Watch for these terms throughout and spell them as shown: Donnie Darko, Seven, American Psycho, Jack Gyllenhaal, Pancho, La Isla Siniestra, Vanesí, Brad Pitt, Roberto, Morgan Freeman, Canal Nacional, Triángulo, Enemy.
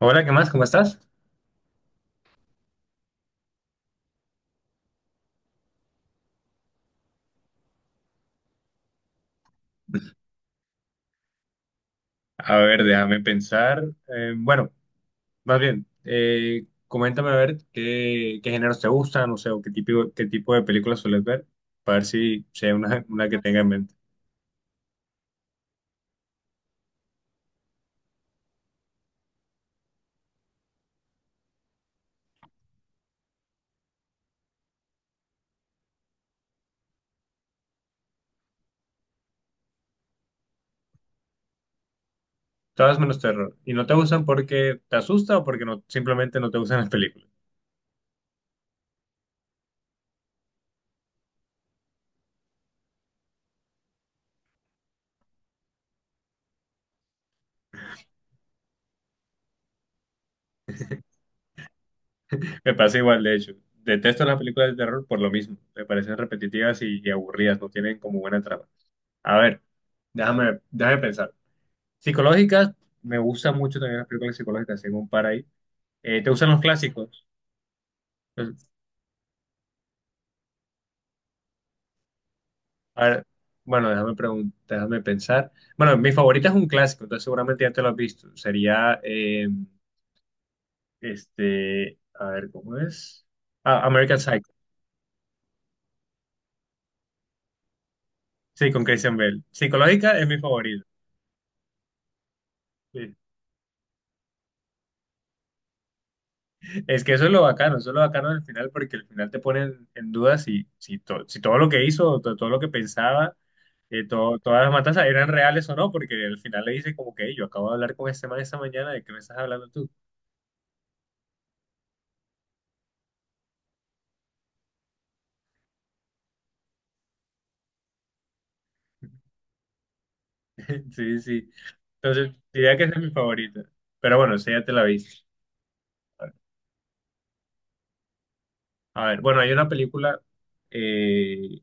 Hola, ¿qué más? ¿Cómo estás? A ver, déjame pensar. Eh, bueno, más bien, coméntame a ver qué géneros te gustan, no sé, o qué tipo de películas sueles ver, para ver si hay una que tenga en mente. Todas menos terror. Y no te gustan porque te asusta o porque no, simplemente no te gustan las películas. Me pasa igual, de hecho. Detesto las películas de terror por lo mismo. Me parecen repetitivas y aburridas, no tienen como buena trama. A ver, déjame pensar. Psicológicas, me gustan mucho también las películas psicológicas, tengo un par ahí. ¿Te gustan los clásicos? Pues, a ver, bueno, déjame preguntar, déjame pensar. Bueno, mi favorita es un clásico, entonces seguramente ya te lo has visto. Sería, este, a ver, ¿cómo es? Ah, American Psycho. Sí, con Christian Bale. Psicológica es mi favorita. Sí. Es que eso es lo bacano, eso es lo bacano del final, porque al final te ponen en duda si todo lo que hizo, todo lo que pensaba, todas las matanzas eran reales o no, porque al final le dice como que "Ey, yo acabo de hablar con este man esta mañana, ¿de qué me estás hablando tú? Sí, sí. Entonces, diría que esa es mi favorita. Pero bueno, esa ya te la viste. A ver, bueno, hay una película eh,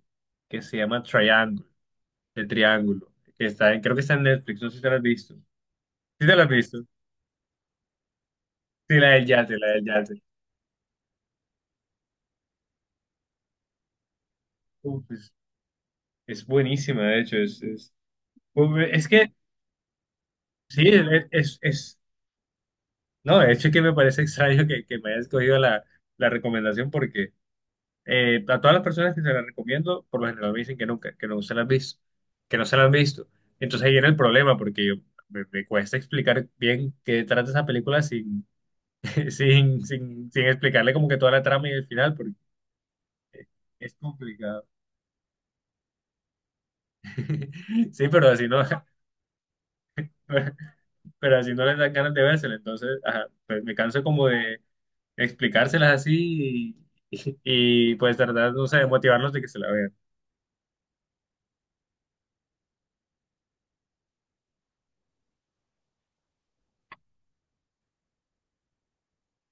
que se llama Triángulo, de Triángulo, que está en, creo que está en Netflix, no sé si te la has visto. ¿Sí te la has visto? Sí, la del yate, la del yate. Uf, es, es buenísima, de hecho, es, uf, es que, sí, es, es, es- no, de hecho es que me parece extraño que me hayas cogido la recomendación porque a todas las personas que se las recomiendo, por lo general me dicen que nunca, que no se las han visto, que no se las han visto. Entonces ahí viene el problema, porque me cuesta explicar bien qué trata esa película sin, sin explicarle como que toda la trama y el final, porque es complicado. Sí, pero así no, pero así no les dan ganas de vérsela, entonces ajá, pues me canso como de explicárselas así y, pues tratar, no sé, de motivarlos de que se la vean.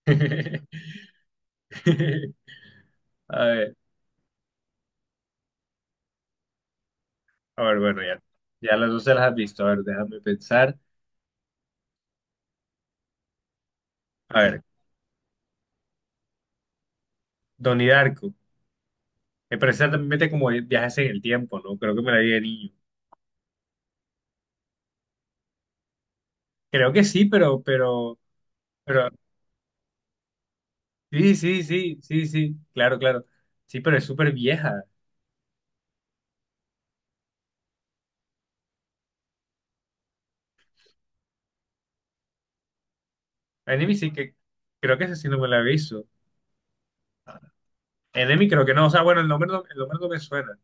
A ver. A ver, bueno, ya, ya las dos se las has visto. A ver, déjame pensar. A ver, Donnie Darko. Me parece mete como viajes en el tiempo, ¿no? Creo que me la vi de niño. Creo que sí, pero, sí, sí, sí, sí, sí, claro, claro. Sí, pero es súper vieja. Enemy sí que, creo que esa sí no me la he visto. Enemy creo que no, o sea, bueno, el nombre no me suena.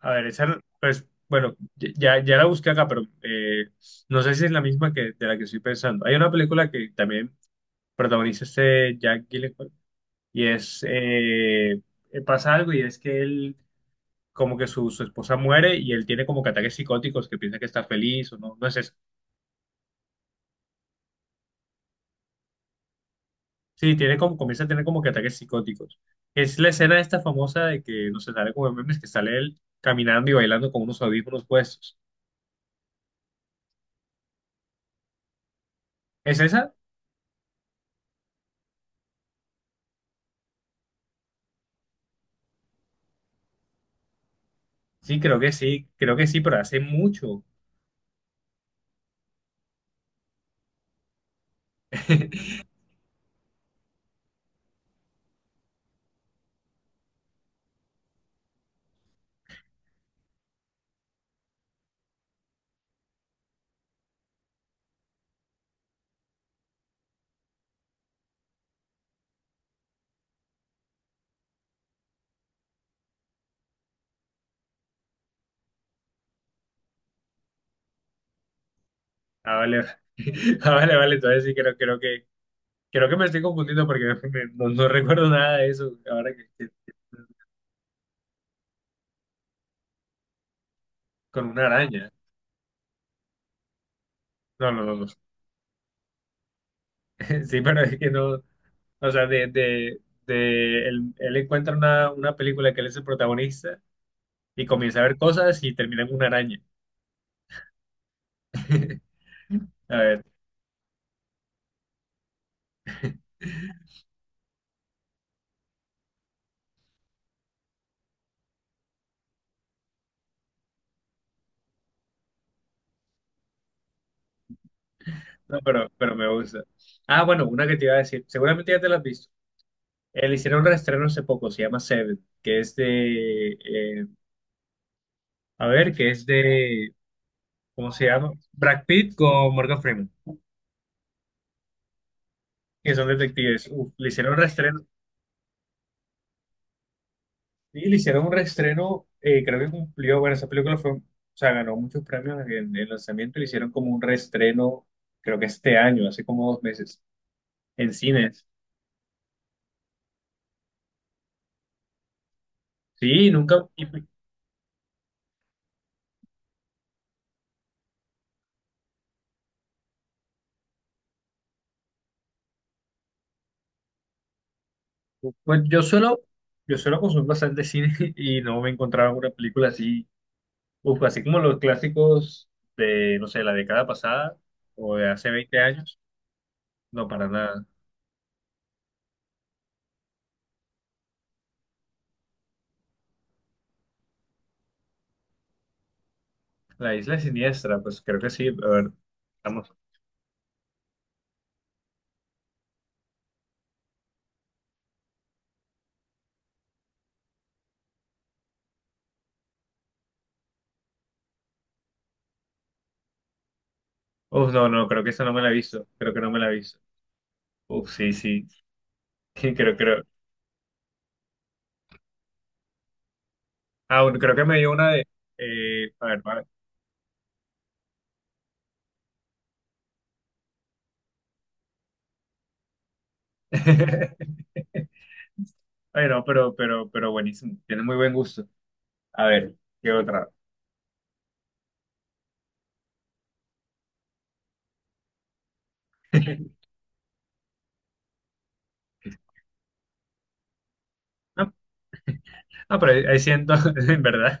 A ver, esa, pues, bueno, ya, ya la busqué acá, pero no sé si es la misma que de la que estoy pensando. Hay una película que también protagoniza este Jack Gyllenhaal y es, pasa algo y es que él, como que su esposa muere y él tiene como que ataques psicóticos, que piensa que está feliz o no, no es eso. Sí, tiene como, comienza a tener como que ataques psicóticos. Es la escena esta famosa de que, no sé, sale como en memes, que sale él caminando y bailando con unos audífonos puestos. ¿Es esa? Sí, creo que sí, creo que sí, pero hace mucho. Ah, vale, vale. Ah, vale, vale, entonces sí, creo, creo que me estoy confundiendo porque no, no recuerdo nada de eso ahora con una araña. No, no, no, no. Sí, pero es que no. O sea, de él, él encuentra una película que él es el protagonista y comienza a ver cosas y termina en una araña. A ver, no, pero me gusta. Ah, bueno, una que te iba a decir. Seguramente ya te la has visto. Él hicieron un reestreno hace poco, se llama Seven, que es de. A ver, que es de. ¿Cómo se llama? Brad Pitt con Morgan Freeman, que son detectives. Uf, le hicieron un reestreno. Sí, le hicieron un reestreno, creo que cumplió, bueno, esa película fue, o sea, ganó muchos premios en el lanzamiento y le hicieron como un reestreno, creo que este año, hace como 2 meses, en cines. Sí, nunca, pues yo suelo, yo suelo consumir bastante cine y no me encontraba una película así, uf, así como los clásicos de, no sé, la década pasada o de hace 20 años, no, para nada. La Isla Siniestra, pues creo que sí, a ver, estamos, uf, no, no, creo que esa no me la he visto, creo que no me la he visto. Uf, sí, sí. Sí, Creo, creo. Ah, bueno, creo que me dio una de. A ver, vale. Ay, no pero buenísimo. Tiene muy buen gusto. A ver, ¿qué otra? Ah, ah, pero ahí siento, en verdad.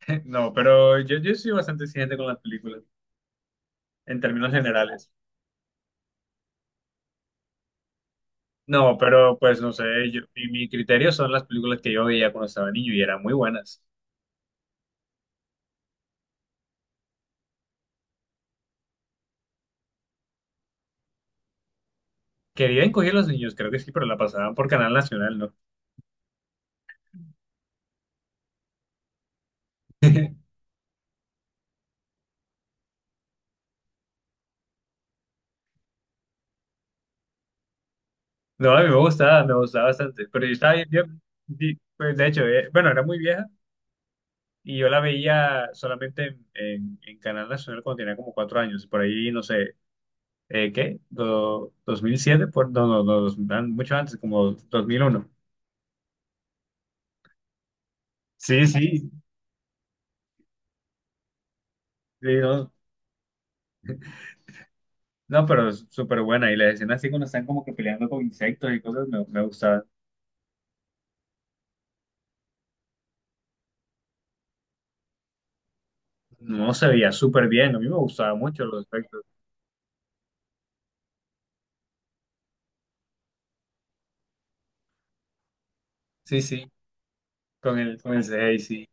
No, pero yo soy bastante exigente con las películas, en términos generales. No, pero pues no sé, yo, mi criterio son las películas que yo veía cuando estaba niño y eran muy buenas. Que bien cogían los niños, creo que sí, pero la pasaban por Canal Nacional, ¿no? No, a mí me gustaba bastante. Pero yo estaba bien, pues de hecho, bueno, era muy vieja y yo la veía solamente en Canal Nacional cuando tenía como 4 años. Por ahí, no sé, ¿qué? ¿2007? Por, no, no, no, dos- an- mucho antes, como 2001. Sí, sí, sí, no, no, pero es súper buena. Y las escenas así cuando están como que peleando con insectos y cosas, me gustaba. No se veía súper bien, a mí me gustaba mucho los efectos. Sí, sí, con el CGI, sí.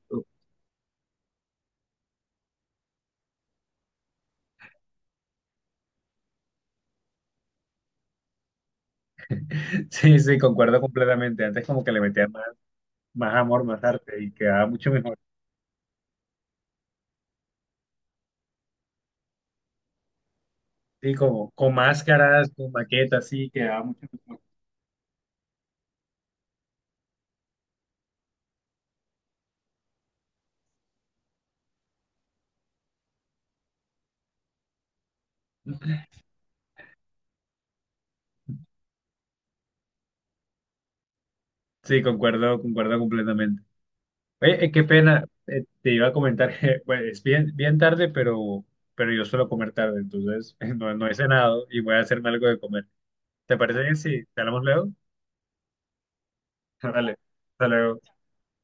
Sí, sí, concuerdo completamente. Antes como que le metía más, más amor, más arte y quedaba mucho mejor. Sí, como con máscaras, con maquetas, sí, quedaba mucho mejor. Sí, concuerdo, concuerdo completamente. Oye, qué pena, te iba a comentar que bueno, es bien, bien tarde, pero yo suelo comer tarde, entonces no, no he cenado y voy a hacerme algo de comer. ¿Te parece bien si te hablamos luego? Dale, hasta luego.